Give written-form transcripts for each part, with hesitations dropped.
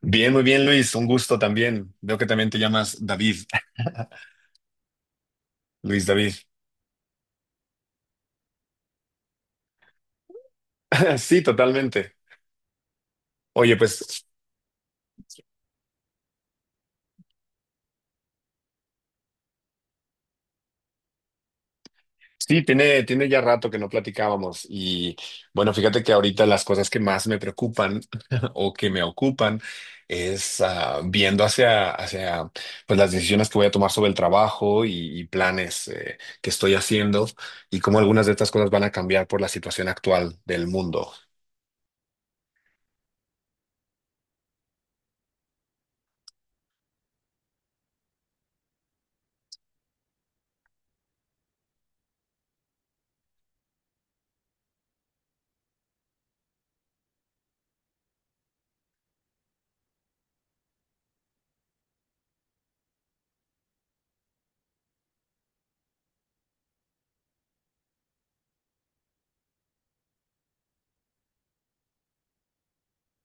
Bien, muy bien, Luis. Un gusto también. Veo que también te llamas David. Luis David. Sí, totalmente. Oye, pues sí, tiene ya rato que no platicábamos. Y bueno, fíjate que ahorita las cosas que más me preocupan o que me ocupan es, viendo hacia pues las decisiones que voy a tomar sobre el trabajo, y planes que estoy haciendo, y cómo algunas de estas cosas van a cambiar por la situación actual del mundo.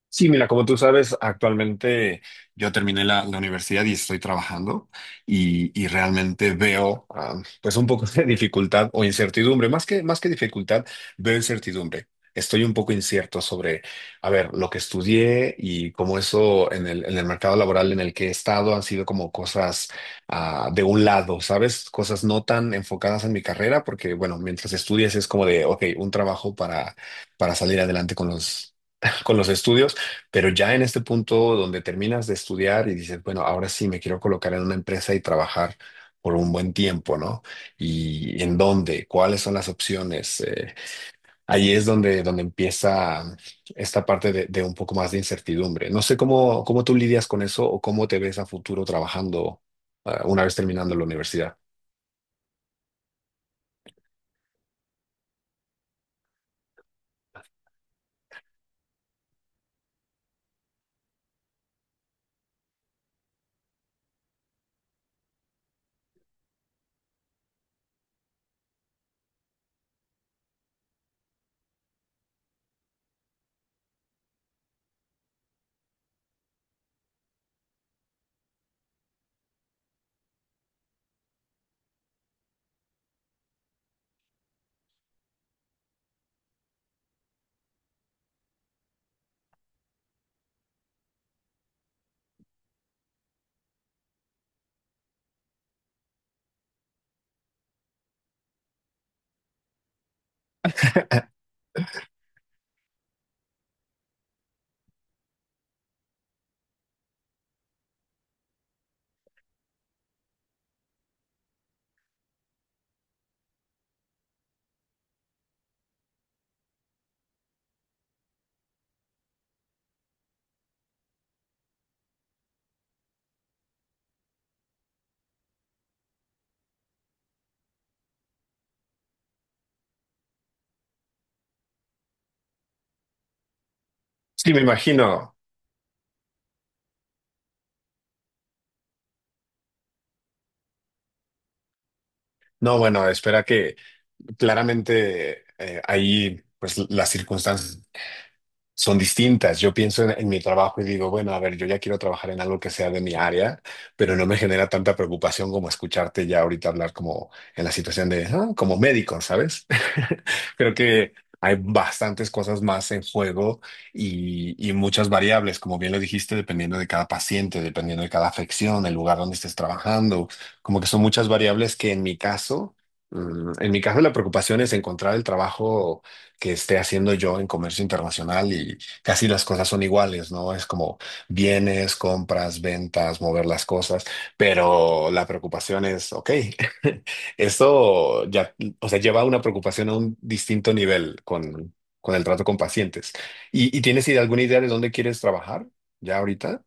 Sí, mira, como tú sabes, actualmente yo terminé la universidad y estoy trabajando, y realmente veo, pues un poco de dificultad o incertidumbre. Más que dificultad, veo incertidumbre. Estoy un poco incierto sobre, a ver, lo que estudié, y cómo eso en el mercado laboral en el que he estado han sido como cosas, de un lado, ¿sabes? Cosas no tan enfocadas en mi carrera, porque bueno, mientras estudias es como de, ok, un trabajo para salir adelante con los... con los estudios. Pero ya en este punto donde terminas de estudiar y dices, bueno, ahora sí me quiero colocar en una empresa y trabajar por un buen tiempo, ¿no? ¿Y en dónde? ¿Cuáles son las opciones? Ahí es donde empieza esta parte de un poco más de incertidumbre. No sé cómo tú lidias con eso, o cómo te ves a futuro trabajando, una vez terminando la universidad. Sí, me imagino. No, bueno, espera que claramente, ahí, pues, las circunstancias son distintas. Yo pienso en mi trabajo y digo, bueno, a ver, yo ya quiero trabajar en algo que sea de mi área, pero no me genera tanta preocupación como escucharte ya ahorita hablar como en la situación de, "Ah, como médico, ¿sabes?" Creo que hay bastantes cosas más en juego, y muchas variables, como bien lo dijiste, dependiendo de cada paciente, dependiendo de cada afección, el lugar donde estés trabajando, como que son muchas variables que en mi caso... mm, en mi caso, la preocupación es encontrar el trabajo que esté haciendo yo en comercio internacional, y casi las cosas son iguales, ¿no? Es como bienes, compras, ventas, mover las cosas. Pero la preocupación es, ok, esto ya, o sea, lleva una preocupación a un distinto nivel con el trato con pacientes. ¿Y tienes alguna idea de dónde quieres trabajar ya ahorita?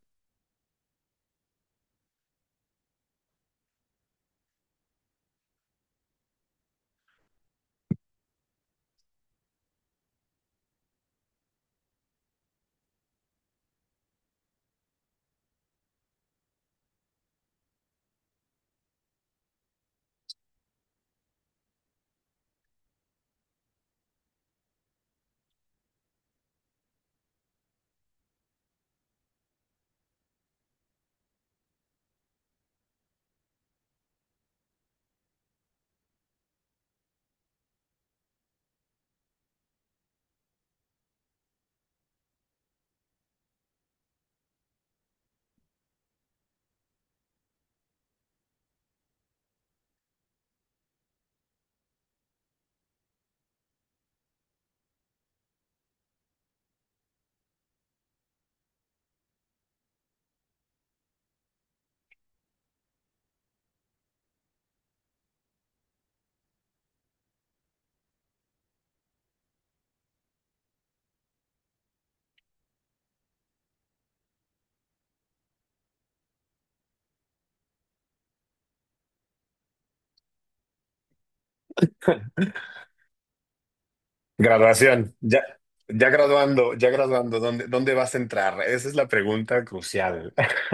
Graduación. Ya, ya graduando, ¿dónde vas a entrar? Esa es la pregunta crucial.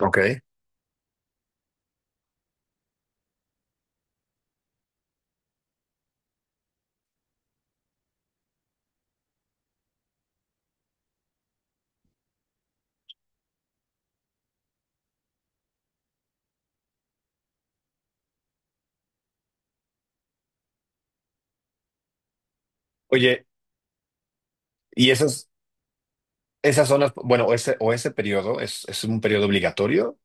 Ok. Oye, y eso esas son bueno, o ese periodo es un periodo obligatorio.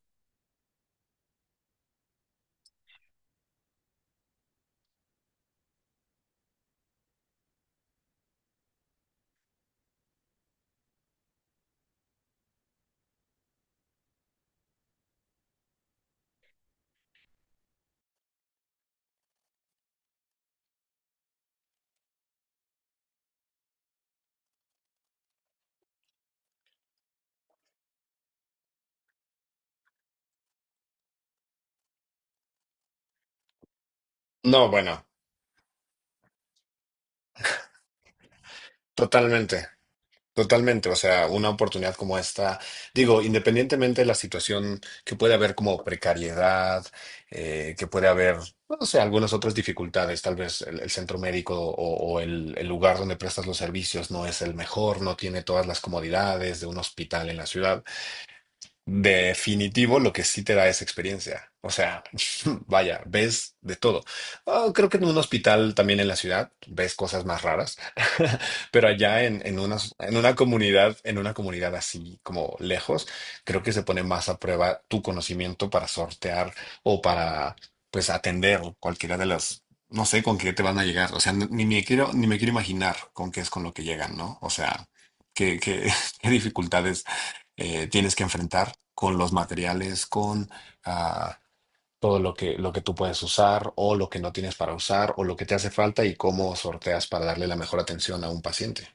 No, bueno, totalmente, totalmente. O sea, una oportunidad como esta, digo, independientemente de la situación que puede haber como precariedad, que puede haber, no sé, algunas otras dificultades. Tal vez el centro médico, o el lugar donde prestas los servicios no es el mejor, no tiene todas las comodidades de un hospital en la ciudad. Definitivo, lo que sí te da es experiencia. O sea, vaya, ves de todo. Ah, creo que en un hospital también en la ciudad ves cosas más raras, pero allá en una comunidad, en una comunidad así como lejos, creo que se pone más a prueba tu conocimiento para sortear, o para, pues, atender cualquiera de las... no sé con qué te van a llegar. O sea, ni me quiero imaginar con qué es con lo que llegan, ¿no? O sea, qué, qué qué dificultades tienes que enfrentar con los materiales, con, ah, todo lo que tú puedes usar, o lo que no tienes para usar, o lo que te hace falta, y cómo sorteas para darle la mejor atención a un paciente.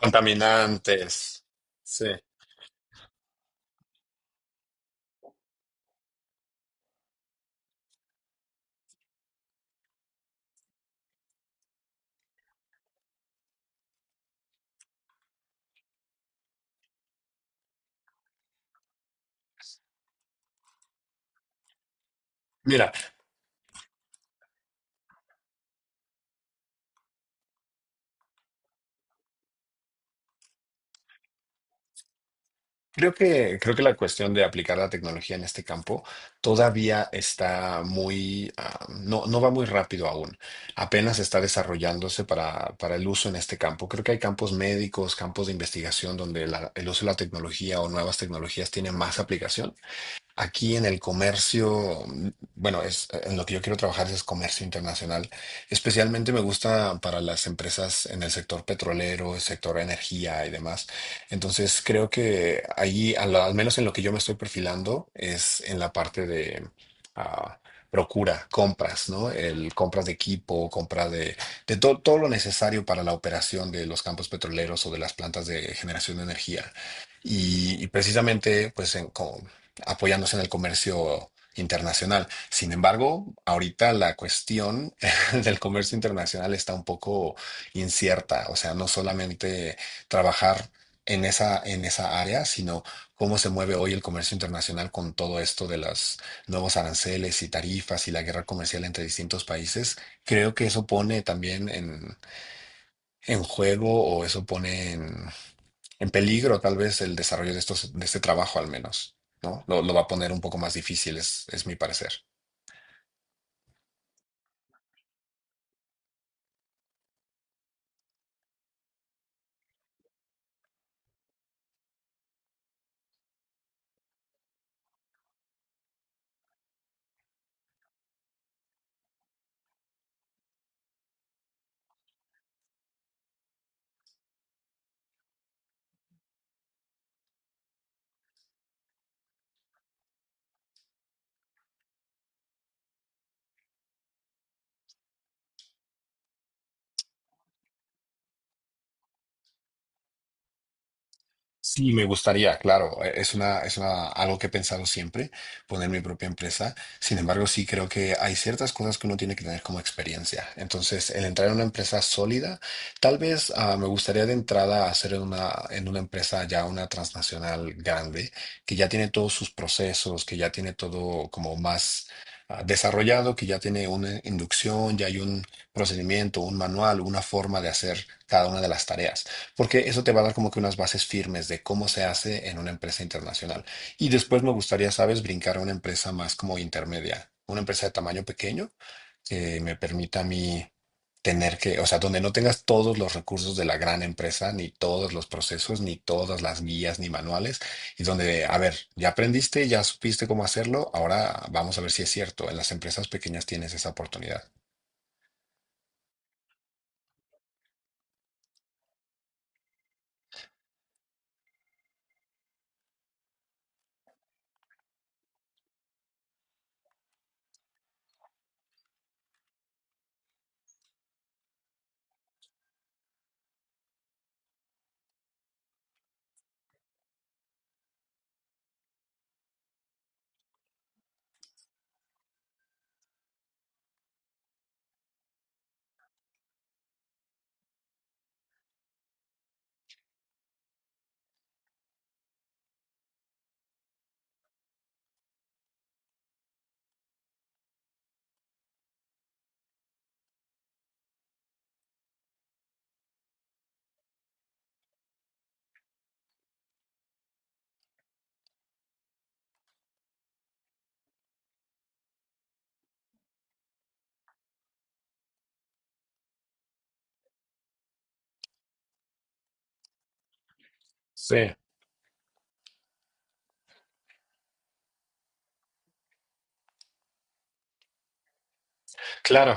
Contaminantes. Sí. Mira. Creo que la cuestión de aplicar la tecnología en este campo todavía está muy, no, no va muy rápido aún. Apenas está desarrollándose para el uso en este campo. Creo que hay campos médicos, campos de investigación donde el uso de la tecnología o nuevas tecnologías tiene más aplicación. Aquí en el comercio, mm, bueno, es, en lo que yo quiero trabajar es comercio internacional. Especialmente me gusta para las empresas en el sector petrolero, el sector energía y demás. Entonces creo que ahí, al menos en lo que yo me estoy perfilando, es en la parte de, ah, procura, compras, ¿no? El compras de equipo, compra de todo lo necesario para la operación de los campos petroleros o de las plantas de generación de energía. Y precisamente, pues, apoyándose en el comercio internacional. Sin embargo, ahorita la cuestión del comercio internacional está un poco incierta, o sea, no solamente trabajar en esa área, sino cómo se mueve hoy el comercio internacional con todo esto de los nuevos aranceles y tarifas y la guerra comercial entre distintos países. Creo que eso pone también en juego, o eso pone en peligro tal vez el desarrollo de este trabajo, al menos, ¿no? Lo va a poner un poco más difícil, es mi parecer. Sí, me gustaría, claro, algo que he pensado siempre: poner mi propia empresa. Sin embargo, sí creo que hay ciertas cosas que uno tiene que tener como experiencia. Entonces, el entrar en una empresa sólida, tal vez, me gustaría de entrada hacer en una empresa, ya una transnacional grande, que ya tiene todos sus procesos, que ya tiene todo como más, desarrollado, que ya tiene una inducción, ya hay un procedimiento, un manual, una forma de hacer cada una de las tareas. Porque eso te va a dar como que unas bases firmes de cómo se hace en una empresa internacional. Y después me gustaría, sabes, brincar a una empresa más como intermedia, una empresa de tamaño pequeño que me permita a mí tener que, o sea, donde no tengas todos los recursos de la gran empresa, ni todos los procesos, ni todas las guías, ni manuales, y donde, a ver, ya aprendiste, ya supiste cómo hacerlo, ahora vamos a ver si es cierto. En las empresas pequeñas tienes esa oportunidad. Sí, claro.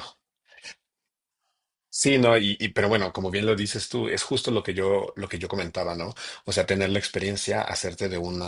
Sí, no, pero bueno, como bien lo dices tú, es justo lo que yo comentaba, ¿no? O sea, tener la experiencia, hacerte de un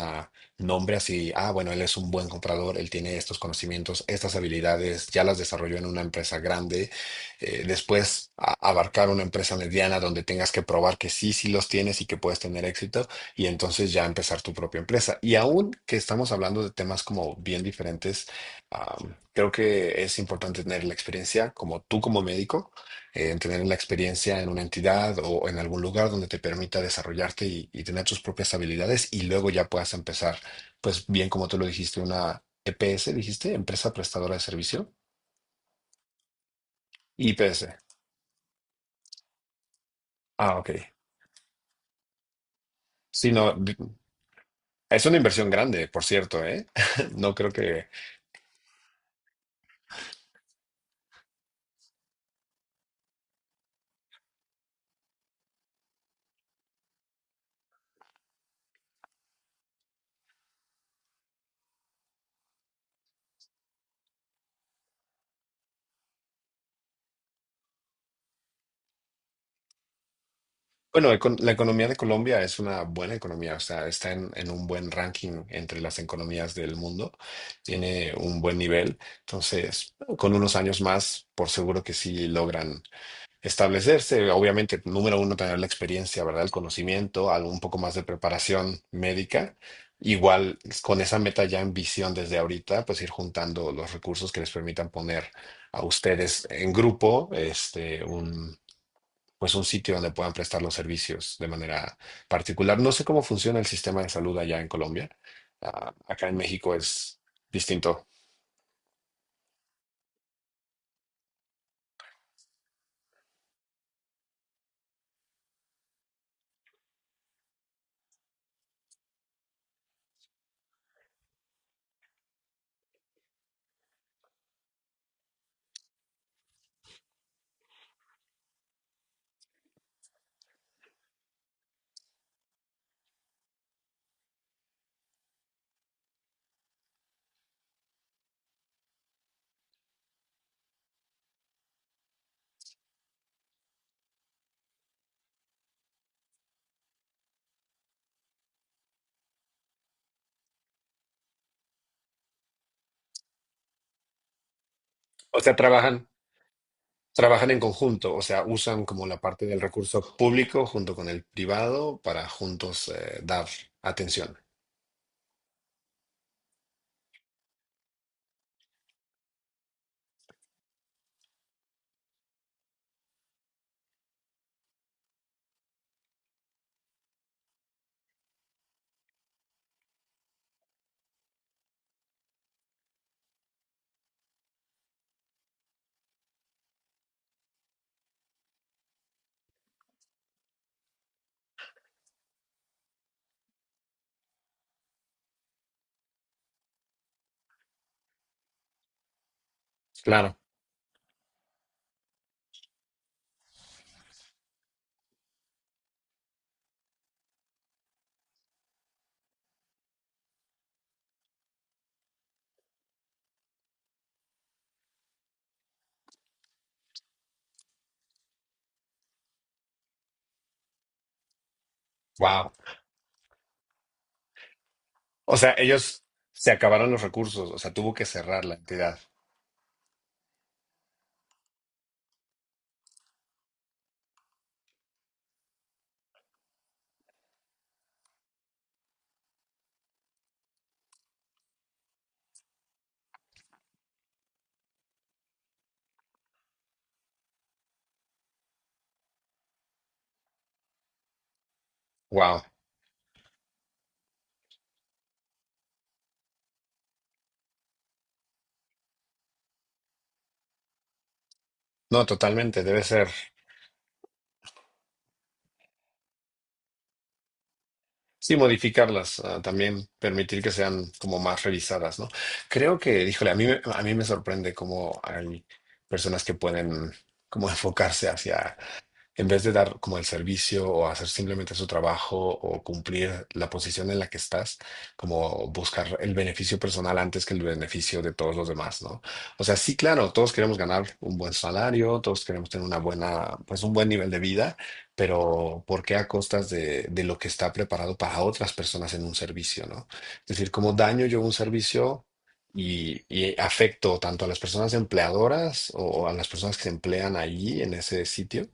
nombre, así, ah, bueno, él es un buen comprador, él tiene estos conocimientos, estas habilidades, ya las desarrolló en una empresa grande. Después abarcar una empresa mediana donde tengas que probar que sí, sí los tienes y que puedes tener éxito, y entonces ya empezar tu propia empresa. Y aún que estamos hablando de temas como bien diferentes, ah, creo que es importante tener la experiencia como tú como médico, en tener la experiencia en una entidad o en algún lugar donde te permita desarrollarte, y tener tus propias habilidades y luego ya puedas empezar, pues bien como tú lo dijiste, una EPS, dijiste, empresa prestadora de servicio, IPS. Ah, ok. Sí, no, es una inversión grande, por cierto, ¿eh? No creo que... Bueno, la economía de Colombia es una buena economía, o sea, está en un buen ranking entre las economías del mundo, tiene un buen nivel. Entonces, con unos años más, por seguro que sí logran establecerse. Obviamente, número uno, tener la experiencia, ¿verdad? El conocimiento, algo un poco más de preparación médica. Igual, con esa meta ya en visión desde ahorita, pues ir juntando los recursos que les permitan poner a ustedes en grupo, este, un, pues un sitio donde puedan prestar los servicios de manera particular. No sé cómo funciona el sistema de salud allá en Colombia. Ah, acá en México es distinto. O sea, trabajan. Trabajan en conjunto, o sea, usan como la parte del recurso público junto con el privado para juntos, dar atención. Claro, wow. O sea, ellos se acabaron los recursos, o sea, tuvo que cerrar la entidad. Wow. No, totalmente, debe ser. Sí, modificarlas, ah, también permitir que sean como más revisadas, ¿no? Creo que, híjole, a mí, a mí me sorprende cómo hay personas que pueden como enfocarse hacia, en vez de dar como el servicio o hacer simplemente su trabajo o cumplir la posición en la que estás, como buscar el beneficio personal antes que el beneficio de todos los demás, ¿no? O sea, sí, claro, todos queremos ganar un buen salario, todos queremos tener una buena, pues, un buen nivel de vida, pero ¿por qué a costas de lo que está preparado para otras personas en un servicio, ¿no? Es decir, ¿cómo daño yo un servicio, y afecto tanto a las personas empleadoras o a las personas que se emplean allí en ese sitio,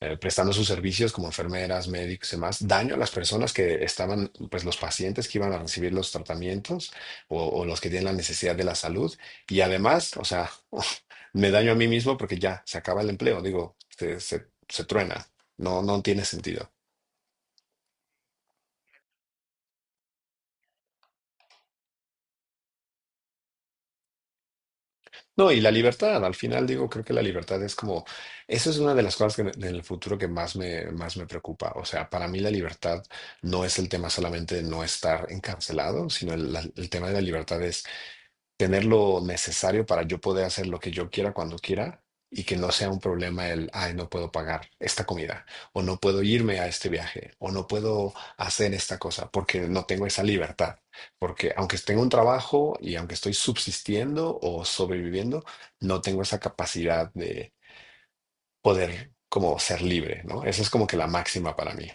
prestando sus servicios como enfermeras, médicos y demás, daño a las personas que estaban, pues los pacientes que iban a recibir los tratamientos, o los que tienen la necesidad de la salud? Y además, o sea, me daño a mí mismo porque ya se acaba el empleo, digo, se truena, no, no tiene sentido. No, y la libertad, al final digo, creo que la libertad es como, eso es una de las cosas que en el futuro que más me preocupa. O sea, para mí la libertad no es el tema solamente de no estar encarcelado, sino el tema de la libertad es tener lo necesario para yo poder hacer lo que yo quiera cuando quiera, y que no sea un problema el, ay, no puedo pagar esta comida, o no puedo irme a este viaje, o no puedo hacer esta cosa porque no tengo esa libertad. Porque aunque tengo un trabajo y aunque estoy subsistiendo o sobreviviendo, no tengo esa capacidad de poder como ser libre, ¿no? Esa es como que la máxima para mí.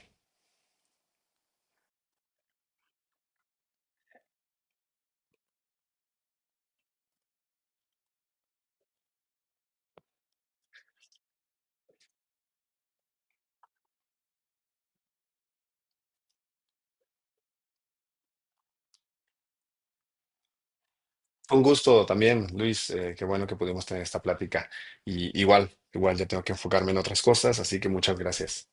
Un gusto también, Luis. Qué bueno que pudimos tener esta plática. Y igual, igual ya tengo que enfocarme en otras cosas, así que muchas gracias.